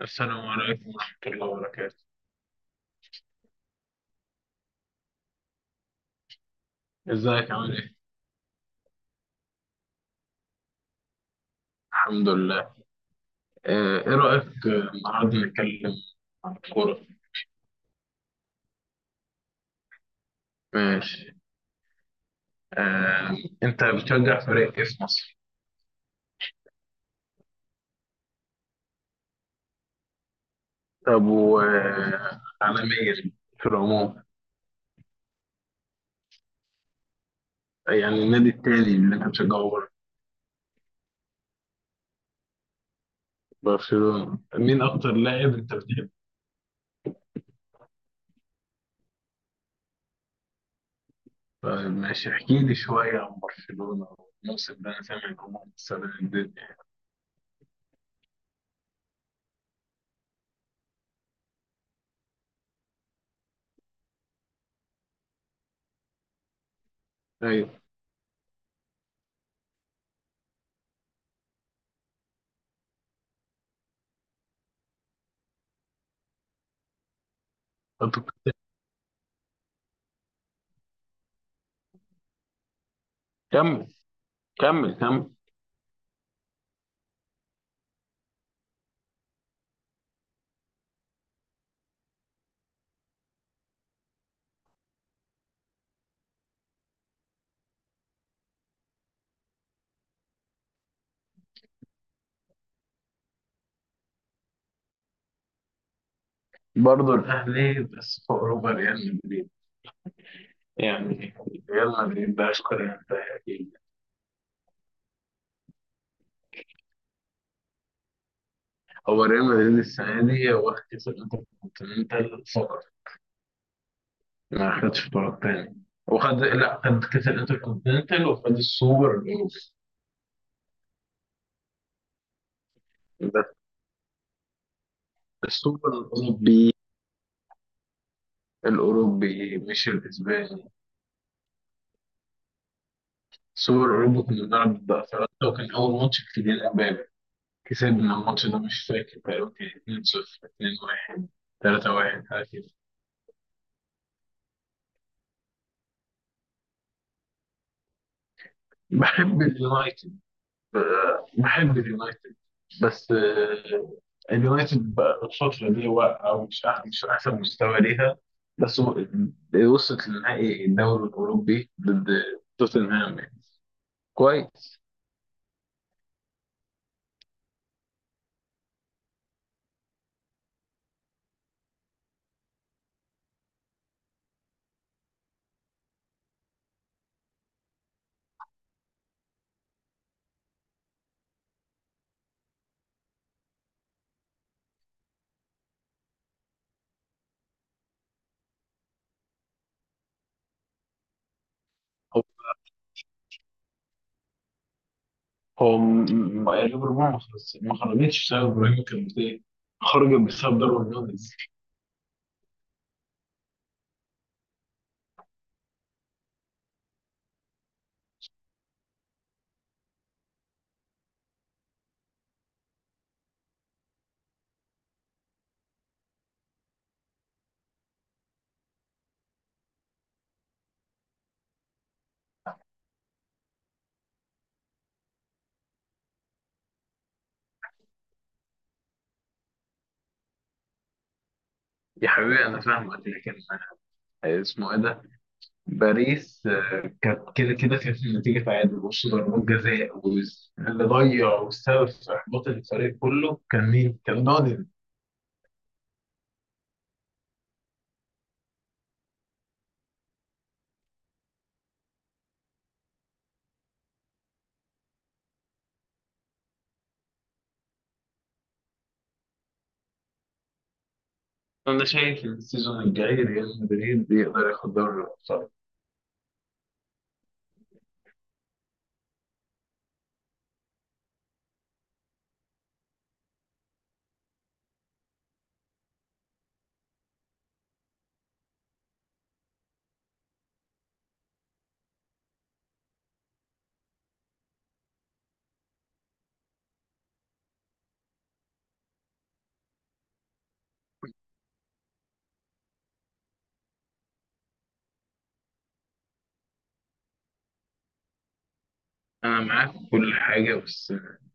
السلام عليكم ورحمة الله وبركاته. ازيك عامل ايه؟ الحمد لله. ايه رأيك النهارده نتكلم عن الكورة. ماشي. آه، انت بتشجع فريق ايه في مصر؟ طب وعالميا، في العموم، يعني النادي التاني اللي انت بتشجعه بره. برشلونة، مين اكتر لاعب انت بتحبه؟ طيب ماشي، احكي لي شوية عن برشلونة الموسم ده، انا سامع ان هم مكسرين الدنيا. ايوه. طب كمل كمل كمل. برضه الأهلي، بس فوق ربع ريال مدريد، يعني ريال مدريد ده أشكر، يعني ده أكيد. هو ريال مدريد السنة دي هو واخد كأس الانتركونتيننتال فقط، ما خدش بطولات تاني. وخد، لا، خد كأس الانتركونتيننتال وخد السوبر الأوروبي. ده السوبر الأوروبي. الأوروبي مش الأسباني. السوبر الأوروبي كنا بنلعب ضد أفريقيا، وكان أول ماتش في كيليان إمبابي. كسبنا الماتش ده، مش فاكر، تقريبا كان 2-0، 2-1، 3-1، حاجة. بحب اليونايتد. بحب اليونايتد. بس اليونايتد بقى الفترة دي واقعة، ومش مش أحسن مستوى ليها. بس و- وصلت لنهائي الدوري الأوروبي ضد توتنهام، يعني كويس. هو هو م- ليفربول ما خرجتش بسبب إبراهيم، كان خرجت بسبب ضربة جزاء. يا حبيبي أنا فاهمك، لكن اسمه إيه ده، باريس، كانت كده كده، كانت النتيجه تعادل وش ضربات جزاء، واللي ضيع والسبب في احباط الفريق كله كان مين؟ كان نادي. انا شايف ان السيزون الجاي ريال مدريد يقدر ياخد دوري الابطال. انا معاك في كل حاجه، بس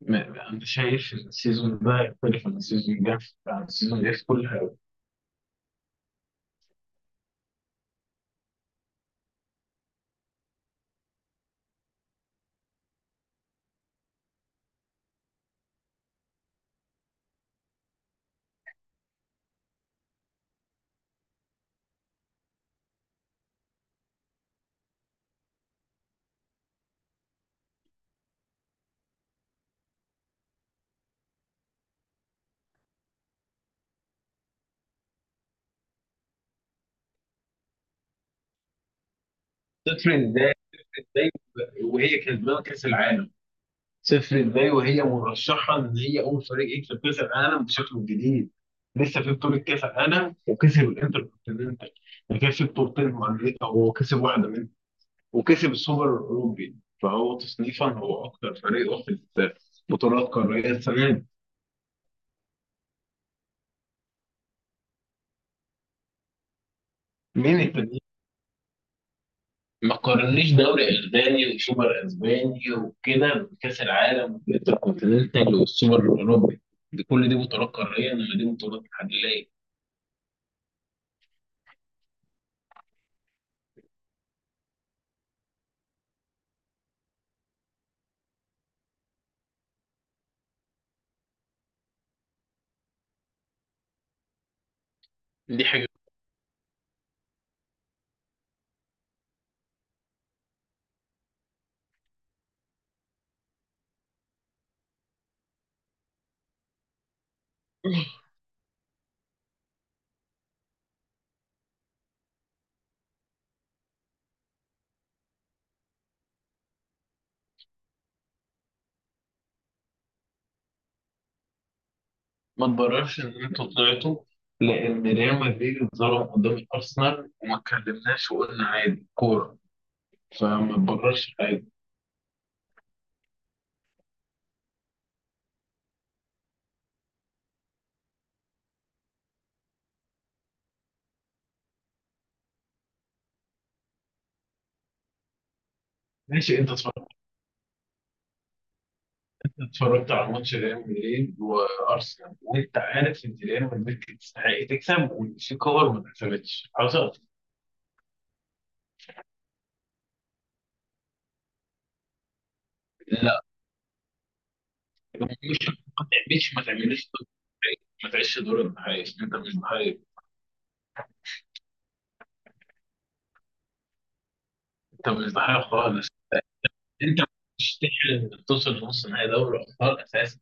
انا شايف ان السيزون ده يختلف عن السيزون اللي جه، عن السيزون اللي جه في كل حاجه. تفرق ازاي؟ ازاي وهي كسبانه كاس العالم؟ صفر ازاي وهي مرشحه ان هي اول فريق يكسب كاس العالم بشكله الجديد؟ لسه في بطوله كاس العالم وكسب الانتركونتيننتال، كسب بطولتين مع امريكا وهو كسب واحده منهم، وكسب السوبر الاوروبي. فهو تصنيفا هو اكثر فريق واخد بطولات قاريه السنه دي. مين التاني؟ ما قارنيش دوري اسباني وسوبر اسباني وكده بكاس العالم والانتركونتيننتال والسوبر الاوروبي. دي كل دي بطولات قاريه، انما دي بطولات محليه. دي حاجه. ما تبررش ان انتوا طلعتوا، لان ريال مدريد اتظلم قدام ارسنال وما اتكلمناش وقلنا عادي كوره، فما تبررش حاجه. ماشي، انت اتفرجت؟ اتفرجت على ماتش ريال مدريد وارسنال؟ وانت عارف ان ريال مدريد كانت تستحق تكسب، وان في كور ما اتحسبتش حصلت. لا، مش ما تعملش دور الضحية. ما تعيش دور الضحيه، انت مش ضحيه. انت مش ضحيه خالص. انت مش تحلم انك توصل لنص نهائي دوري ابطال اساسا.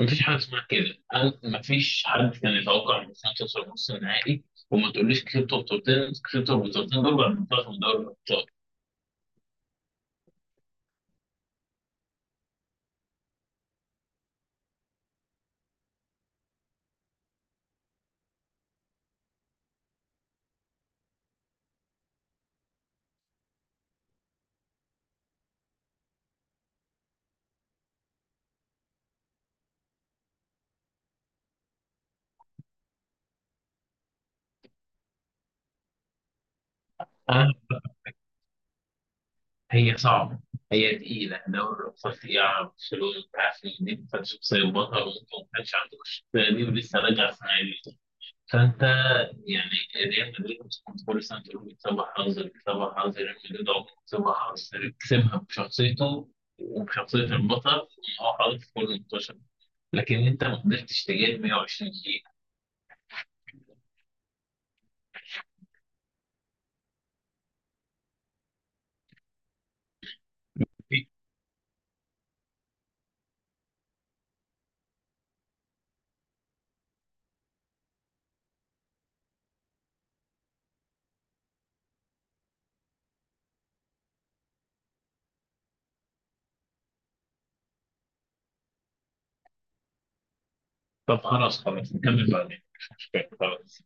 مفيش حاجه اسمها كده. مفيش حد كان يتوقع ان برشلونه توصل نص النهائي، وما تقوليش كسبته بطولتين. كسبته بطولتين دول بعد ما طلعت من دوري الابطال. أنا- هي صعبه، هي تقيله دوري الابطال، تقيله على برشلونه. انت عارف ان دي كانت شخصيه بطل، وانت ما كانش عندك الشخصيه دي، ولسه راجع السنه دي. فانت يعني، ريال مدريد مش كل سنه تقول بيكسبها حظ. بيكسبها حظ؟ ريال مدريد عمره ما كسبها حظ، كسبها بشخصيته وبشخصيه البطل، ان هو حاطط في كل ماتش. لكن انت ما قدرتش تجيب 120 دقيقه. طب خلاص، خلاص نكمل بعدين، مش مشكله، خلاص.